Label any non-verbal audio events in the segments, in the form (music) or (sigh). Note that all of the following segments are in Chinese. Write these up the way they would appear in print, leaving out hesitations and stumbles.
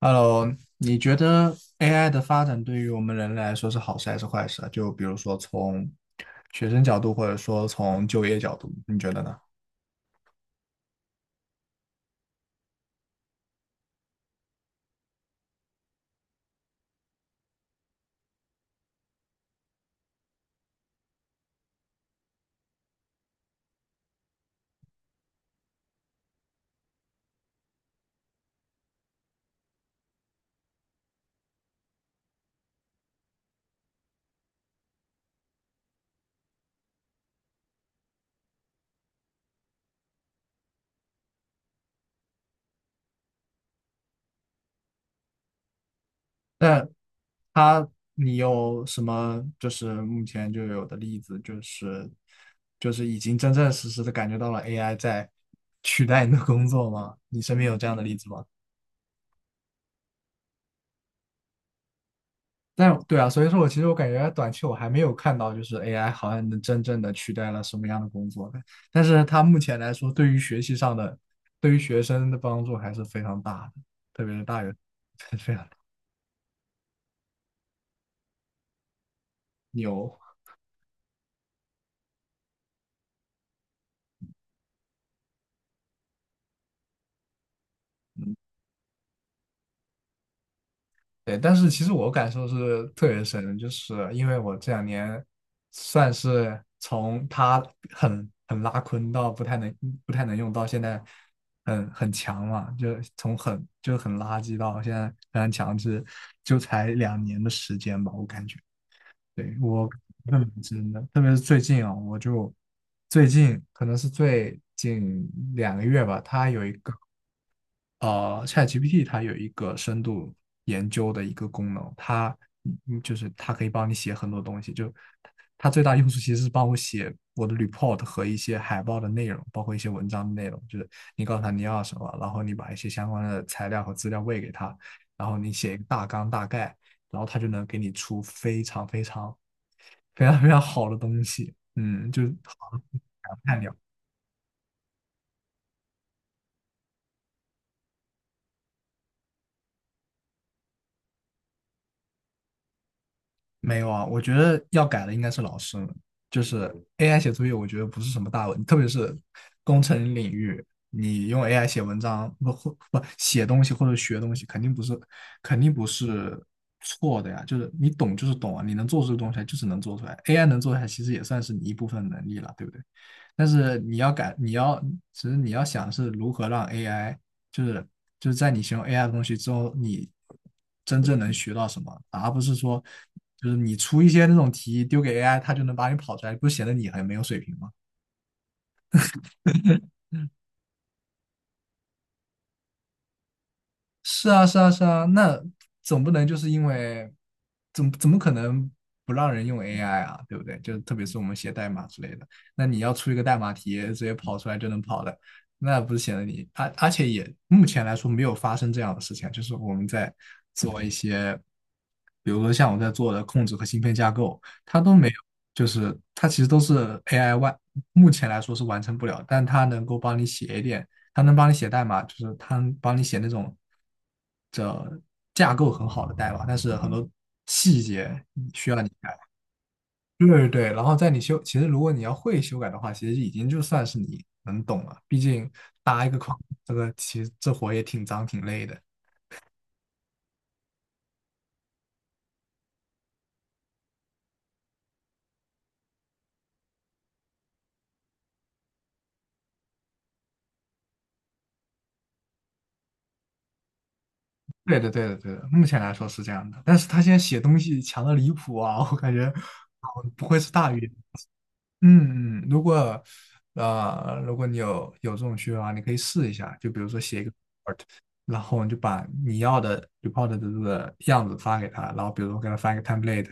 Hello,你觉得 AI 的发展对于我们人类来说是好事还是坏事啊？就比如说从学生角度，或者说从就业角度，你觉得呢？但它，你有什么就是目前就有的例子，就是已经真正实实的感觉到了 AI 在取代你的工作吗？你身边有这样的例子吗？但对啊，所以说我其实我感觉短期我还没有看到，就是 AI 好像能真正的取代了什么样的工作的。但是它目前来说，对于学习上的，对于学生的帮助还是非常大的，特别是大学，(laughs) 非常大牛。对，但是其实我感受是特别深的，就是因为我这两年算是从他很拉坤到不太能用到现在很强嘛，就从很垃圾到现在非常强势，就才两年的时间吧，我感觉。对，我认为真的，特别是最近啊，我就最近可能是最近2个月吧，他有一个ChatGPT 它有一个深度研究的一个功能，它就是它可以帮你写很多东西，就它最大用处其实是帮我写我的 report 和一些海报的内容，包括一些文章的内容，就是你告诉他你要什么，然后你把一些相关的材料和资料喂给他，然后你写一个大纲大概，然后他就能给你出非常非常非常非常好的东西，嗯，就是好的，太了。没有啊，我觉得要改的应该是老师们。就是 AI 写作业，我觉得不是什么大问题，特别是工程领域，你用 AI 写文章不或不写东西或者学东西，肯定不是错的呀，就是你懂就是懂啊，你能做出的东西来就是能做出来，AI 能做出来其实也算是你一部分能力了，对不对？但是你要改，其实你要想是如何让 AI 就是就是在你学用 AI 的东西之后，你真正能学到什么，而不是说就是你出一些那种题丢给 AI，它就能把你跑出来，不显得你很没有水平吗？是啊，是啊，是啊，那总不能就是因为怎么可能不让人用 AI 啊，对不对？就特别是我们写代码之类的，那你要出一个代码题，直接跑出来就能跑的，那不是显得你，而且也目前来说没有发生这样的事情啊，就是我们在做一些，比如说像我在做的控制和芯片架构，它都没有，就是它其实都是 AI 外，目前来说是完成不了，但它能够帮你写一点。它能帮你写代码，就是它能帮你写那种架构很好的代码，但是很多细节需要你改。对，对，对，然后在你修，其实如果你要会修改的话，其实已经就算是你能懂了。毕竟搭一个框，这个其实这活也挺脏挺累的。对的，对的，对的，目前来说是这样的。但是他现在写东西强的离谱啊，我感觉不会是大鱼。嗯嗯，如果你有这种需要啊，你可以试一下，就比如说写一个。然后你就把你要的 report 的这个样子发给他，然后比如说给他发一个 template，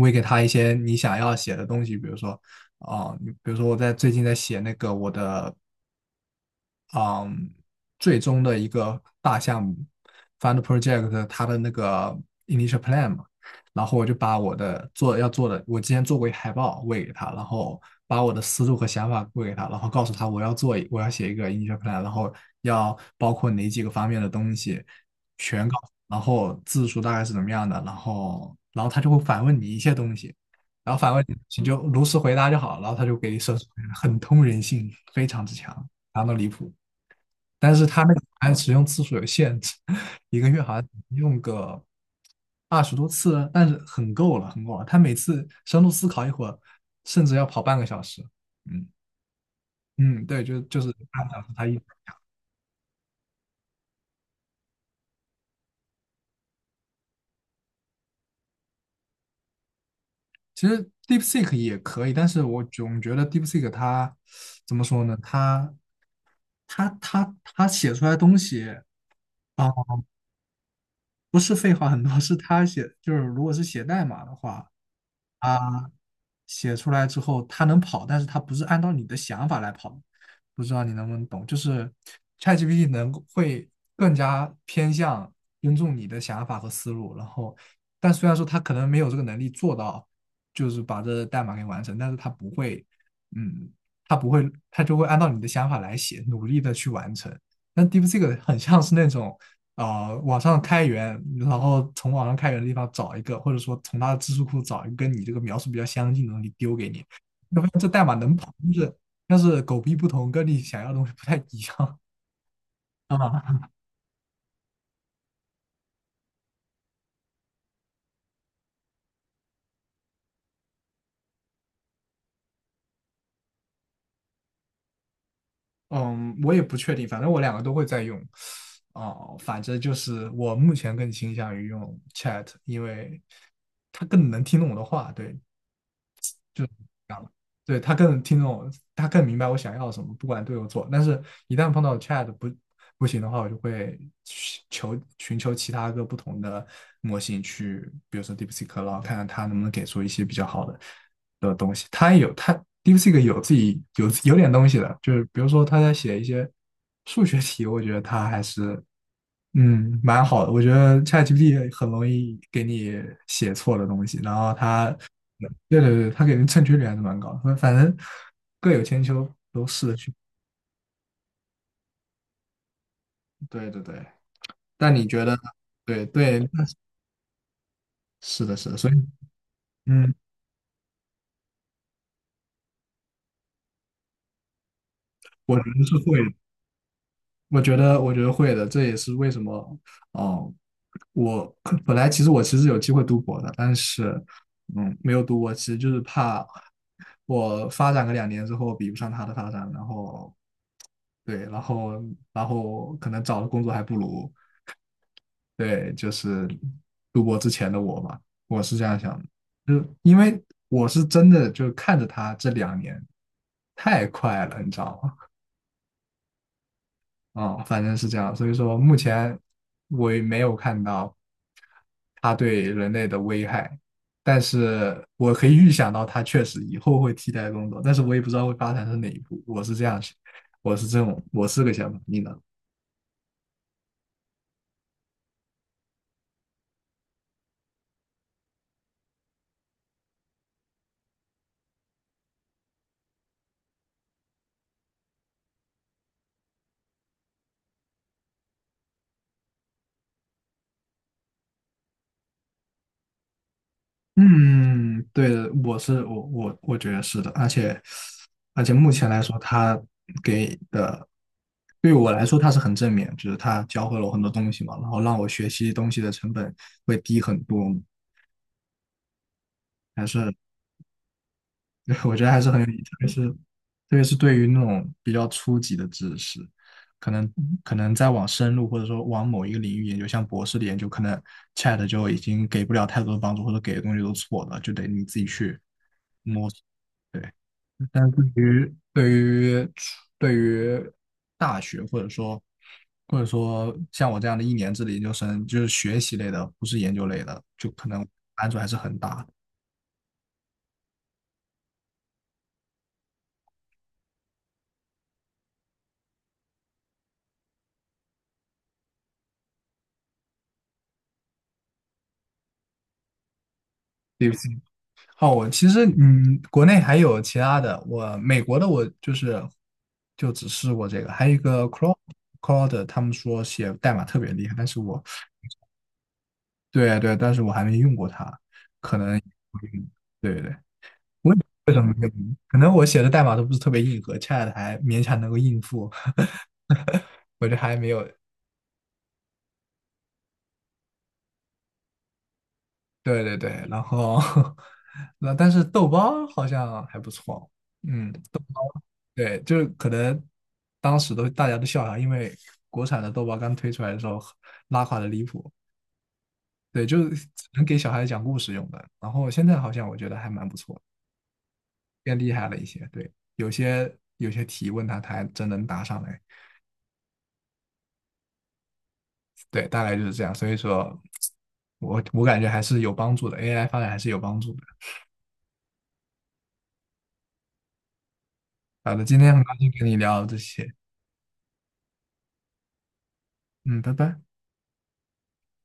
喂给他一些你想要写的东西，比如说，哦、你比如说我在最近在写那个我的嗯，最终的一个大项目 fund project 它的那个 initial plan 嘛，然后我就把我的做要做的，我之前做过一海报喂给他，然后把我的思路和想法喂给他，然后告诉他我要写一个 initial plan，然后要包括哪几个方面的东西，全告诉然后字数大概是怎么样的，然后他就会反问你一些东西。然后反问你，你就如实回答就好了，然后他就给你设置很通人性，非常之强，强到离谱。但是它那个按使用次数有限制，(laughs) 一个月好像用个20多次啊，但是很够了，很够了。他每次深度思考一会儿，甚至要跑半个小时。嗯嗯，对，就是半个小时它一。其实 DeepSeek 也可以，但是我总觉得 DeepSeek 它怎么说呢？它写出来的东西啊，不是废话很多，是它写就是如果是写代码的话。啊。写出来之后，它能跑，但是它不是按照你的想法来跑。不知道你能不能懂，就是 ChatGPT 能会更加偏向尊重你的想法和思路，然后，但虽然说它可能没有这个能力做到，就是把这代码给完成，但是它不会，嗯，它不会，它就会按照你的想法来写，努力的去完成。但 DeepSeek 很像是那种网上开源，然后从网上开源的地方找一个，或者说从它的知识库找一个跟你这个描述比较相近的东西丢给你，要不然这代码能跑，但是狗屁不同，跟你想要的东西不太一样 (laughs) 啊。嗯，我也不确定，反正我两个都会在用。哦，反正就是我目前更倾向于用 Chat，因为它更能听懂我的话，对，就是这样的对他更听懂，他更明白我想要什么，不管对或错。但是，一旦碰到 Chat 不行的话，我就会寻求其他个不同的模型去，比如说 DeepSeek，然后看看它能不能给出一些比较好的的东西。它也有它 DeepSeek 有自己有点东西的，就是比如说他在写一些数学题，我觉得他还是。嗯，蛮好的。我觉得 ChatGPT 很容易给你写错的东西，然后它对，对，对，他给人正确率还是蛮高的，反正各有千秋，都试着去。对，对，对，但你觉得，对，对，是的，是的，所以，嗯，我觉得是会的，我觉得，我觉得会的，这也是为什么，哦，我可本来其实有机会读博的，但是，嗯，没有读博，其实就是怕我发展个两年之后比不上他的发展，然后，对，然后可能找的工作还不如。对，就是读博之前的我嘛，我是这样想的，就因为我是真的就看着他这两年太快了，你知道吗？反正是这样，所以说目前我也没有看到他对人类的危害，但是我可以预想到它确实以后会替代工作，但是我也不知道会发展到哪一步，我是这样想，我是这种，我是个想法，你呢？嗯，对的，我觉得是的，而且目前来说，他给的对我来说他是很正面，就是他教会了我很多东西嘛，然后让我学习东西的成本会低很多，还是 (laughs) 我觉得还是很有意义特别是对于那种比较初级的知识，可能可能再往深入或者说往某一个领域研究，像博士的研究，可能 Chat 就已经给不了太多的帮助，或者给的东西都是错了，就得你自己去摸索。对。但是对于对于对于大学或者说像我这样的1年制的研究生，就是学习类的，不是研究类的，就可能难度还是很大的。对不起好，我其实国内还有其他的，我美国的我就是就只试过这个，还有一个 Claude 他们说写代码特别厉害，但是我对，对，但是我还没用过它。嗯，对，对。嗯可能我写的代码都不是特别硬核 c h a 还勉强能够应付，(laughs) 我就还没有。对，对，对，然后 (laughs) 那但是豆包好像还不错，嗯，对，就是可能当时都大家都笑他，因为国产的豆包刚推出来的时候拉垮的离谱，对，就是只能给小孩讲故事用的。然后现在好像我觉得还蛮不错，变厉害了一些，对，有些题问他，他还真能答上来。对，大概就是这样。所以说，我感觉还是有帮助的，AI 发展还是有帮助的。好的，今天很高兴跟你聊这些，嗯，拜拜。